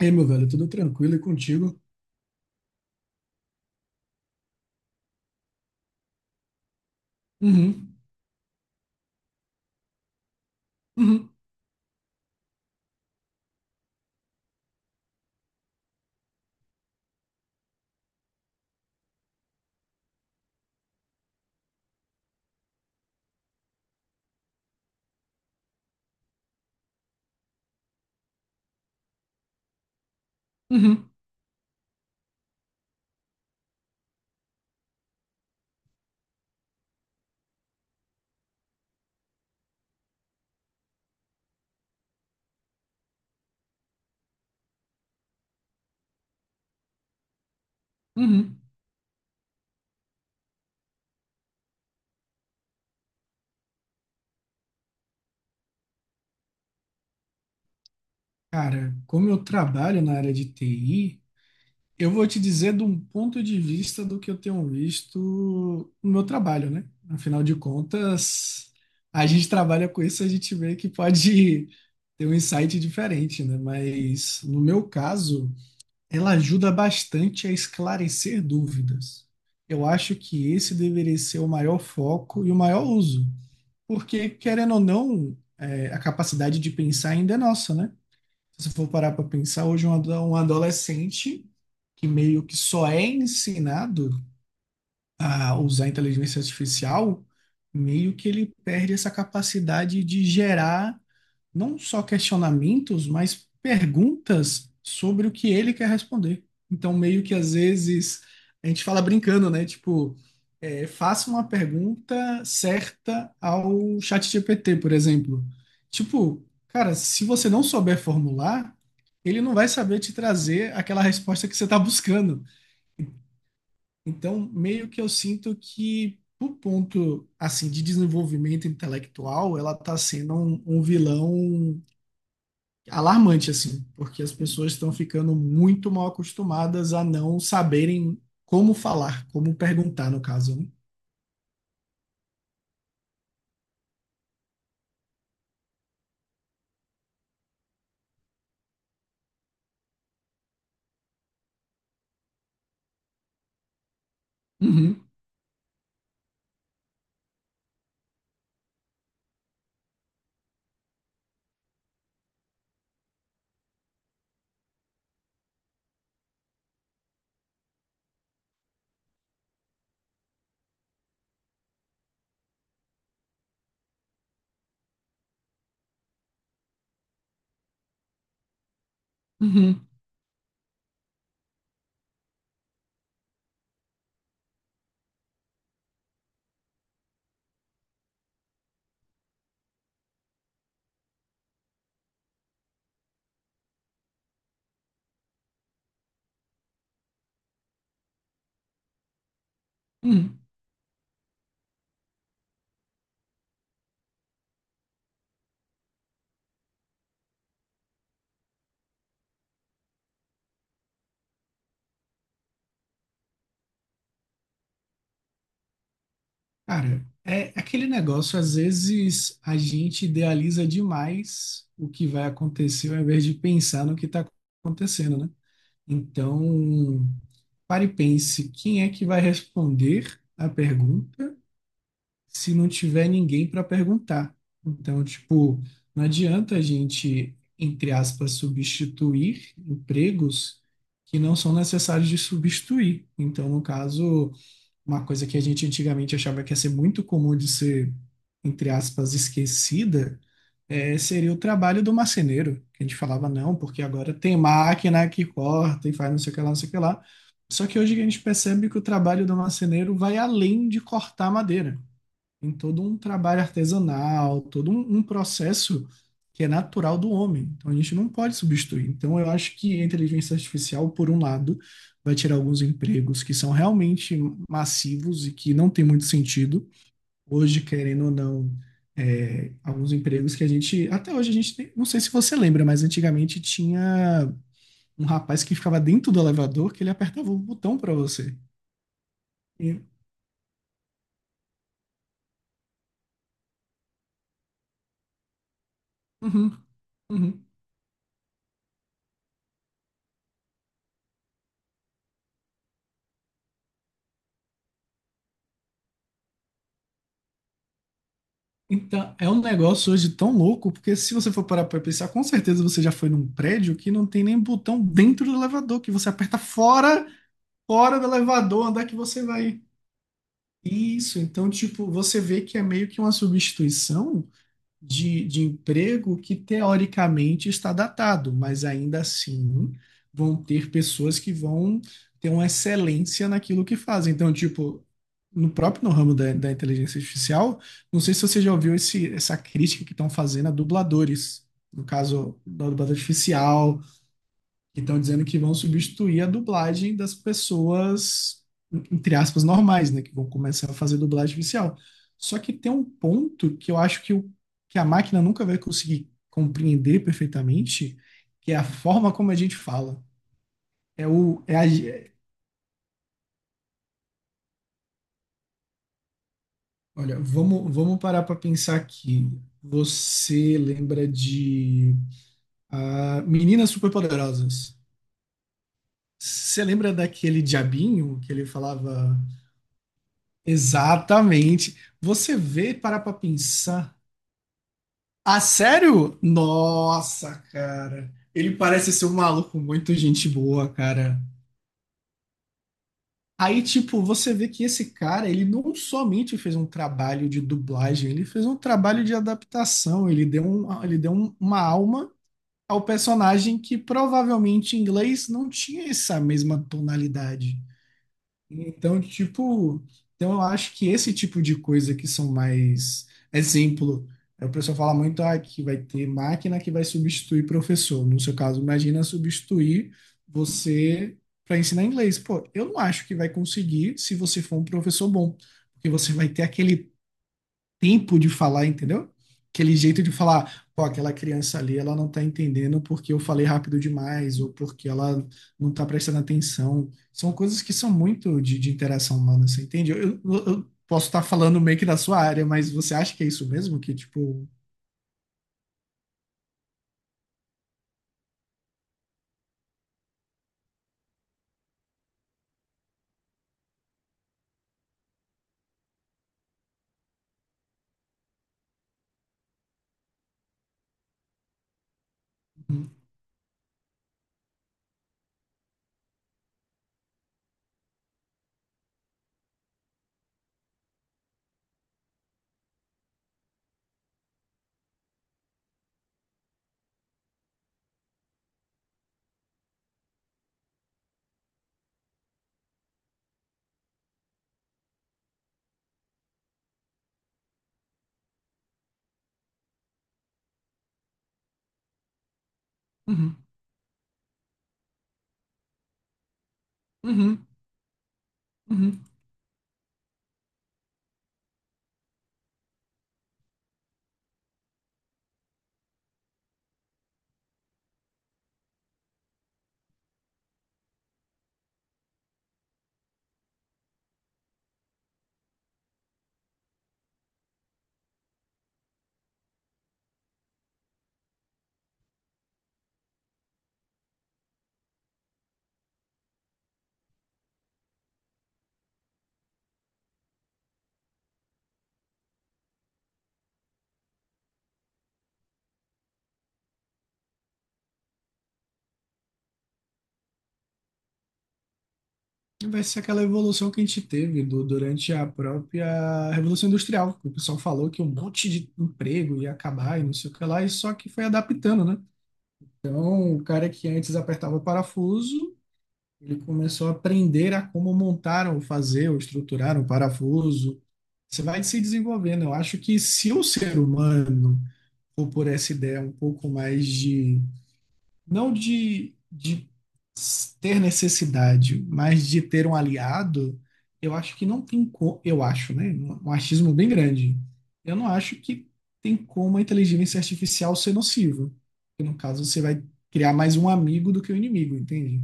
Ei, meu velho, tudo tranquilo e contigo? Uhum, uhum, uhum, uhum. Cara, como eu trabalho na área de TI, eu vou te dizer de um ponto de vista do que eu tenho visto no meu trabalho, né? Afinal de contas, a gente trabalha com isso, a gente vê que pode ter um insight diferente, né? Mas no meu caso, ela ajuda bastante a esclarecer dúvidas. Eu acho que esse deveria ser o maior foco e o maior uso. Porque, querendo ou não, é, a capacidade de pensar ainda é nossa, né? Se você for parar para pensar, hoje um adolescente que meio que só é ensinado a usar a inteligência artificial, meio que ele perde essa capacidade de gerar não só questionamentos, mas perguntas sobre o que ele quer responder. Então, meio que às vezes a gente fala brincando, né? Tipo, é, faça uma pergunta certa ao ChatGPT, por exemplo. Tipo, cara, se você não souber formular, ele não vai saber te trazer aquela resposta que você está buscando. Então, meio que eu sinto que, por ponto assim de desenvolvimento intelectual, ela está sendo um vilão é alarmante, assim, porque as pessoas estão ficando muito mal acostumadas a não saberem como falar, como perguntar, no caso. Né? Uhum, uhum, uhum. Cara, é aquele negócio, às vezes a gente idealiza demais o que vai acontecer, ao invés de pensar no que está acontecendo, né? Então, pare e pense, quem é que vai responder a pergunta? Se não tiver ninguém para perguntar. Então, tipo, não adianta a gente, entre aspas, substituir empregos que não são necessários de substituir. Então, no caso, uma coisa que a gente antigamente achava que ia ser muito comum de ser, entre aspas, esquecida, seria o trabalho do marceneiro, que a gente falava, não, porque agora tem máquina que corta e faz não sei o que lá, não sei o que lá. Só que hoje a gente percebe que o trabalho do marceneiro vai além de cortar madeira. Tem todo um trabalho artesanal, um processo que é natural do homem. Então a gente não pode substituir. Então eu acho que a inteligência artificial, por um lado, vai tirar alguns empregos que são realmente massivos e que não tem muito sentido. Hoje, querendo ou não, é, alguns empregos que a gente, até hoje a gente tem, não sei se você lembra, mas antigamente tinha um rapaz que ficava dentro do elevador que ele apertava o botão para você. E- uhum, uhum. Então, é um negócio hoje tão louco, porque se você for parar para pensar, com certeza você já foi num prédio que não tem nem botão dentro do elevador, que você aperta fora, fora do elevador, andar que você vai. Isso, então, tipo, você vê que é meio que uma substituição de emprego que teoricamente está datado, mas ainda assim vão ter pessoas que vão ter uma excelência naquilo que fazem. Então, tipo, no próprio no ramo da inteligência artificial, não sei se você já ouviu essa crítica que estão fazendo a dubladores. No caso, da dubladora artificial, que estão dizendo que vão substituir a dublagem das pessoas, entre aspas, normais, né? Que vão começar a fazer dublagem oficial. Só que tem um ponto que eu acho que, o, que a máquina nunca vai conseguir compreender perfeitamente, que é a forma como a gente fala. É o, é a, é- Olha, vamos parar para pensar aqui. Você lembra de ah, Meninas Superpoderosas? Você lembra daquele diabinho que ele falava. Exatamente. Você vê, parar pra pensar. Ah, sério? Nossa, cara. Ele parece ser um maluco muito gente boa, cara. Aí, tipo, você vê que esse cara, ele não somente fez um trabalho de dublagem, ele fez um trabalho de adaptação, uma alma ao personagem que provavelmente em inglês não tinha essa mesma tonalidade. Então, tipo, então eu acho que esse tipo de coisa que são mais exemplo, é o pessoal fala muito ah, que vai ter máquina que vai substituir professor. No seu caso, imagina substituir você para ensinar inglês. Pô, eu não acho que vai conseguir se você for um professor bom, porque você vai ter aquele tempo de falar, entendeu? Aquele jeito de falar, pô, aquela criança ali, ela não tá entendendo porque eu falei rápido demais ou porque ela não tá prestando atenção. São coisas que são muito de interação humana, você entende? Eu posso estar falando meio que da sua área, mas você acha que é isso mesmo? Que, tipo, uhum, uhum, uhum, uhum. Vai ser aquela evolução que a gente teve durante a própria Revolução Industrial, que o pessoal falou que um monte de emprego ia acabar e não sei o que lá, e só que foi adaptando, né? Um cara que antes apertava o parafuso, ele começou a aprender a como montar ou fazer ou estruturar um parafuso. Você vai se desenvolvendo. Eu acho que se o ser humano for por essa ideia um pouco mais de não de, de ter necessidade, mas de ter um aliado, eu acho que não tem como, eu acho, né? Um achismo bem grande. Eu não acho que tem como a inteligência artificial ser nociva. Porque, no caso, você vai criar mais um amigo do que um inimigo, entende?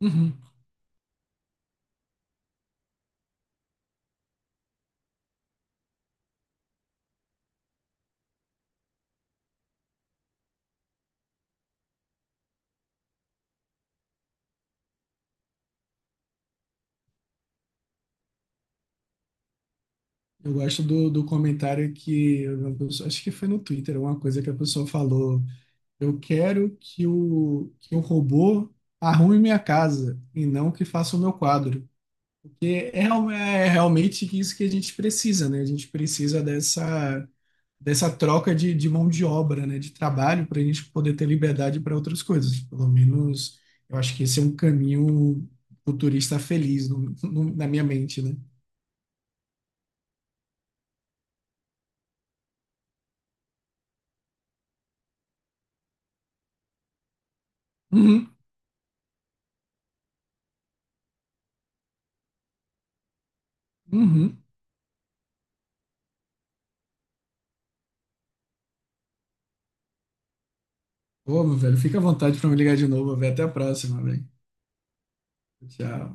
Uhum. Eu gosto do comentário que uma pessoa- acho que foi no Twitter, uma coisa que a pessoa falou. Eu quero que o robô arrume minha casa e não que faça o meu quadro. Que é, real- é realmente isso que a gente precisa, né? A gente precisa dessa, dessa troca de mão de obra, né? De trabalho para a gente poder ter liberdade para outras coisas. Pelo menos eu acho que esse é um caminho futurista feliz na minha mente, né? Uhum, uhum. Ô, meu velho, fica à vontade para me ligar de novo. Velho. Até a próxima, velho. Tchau.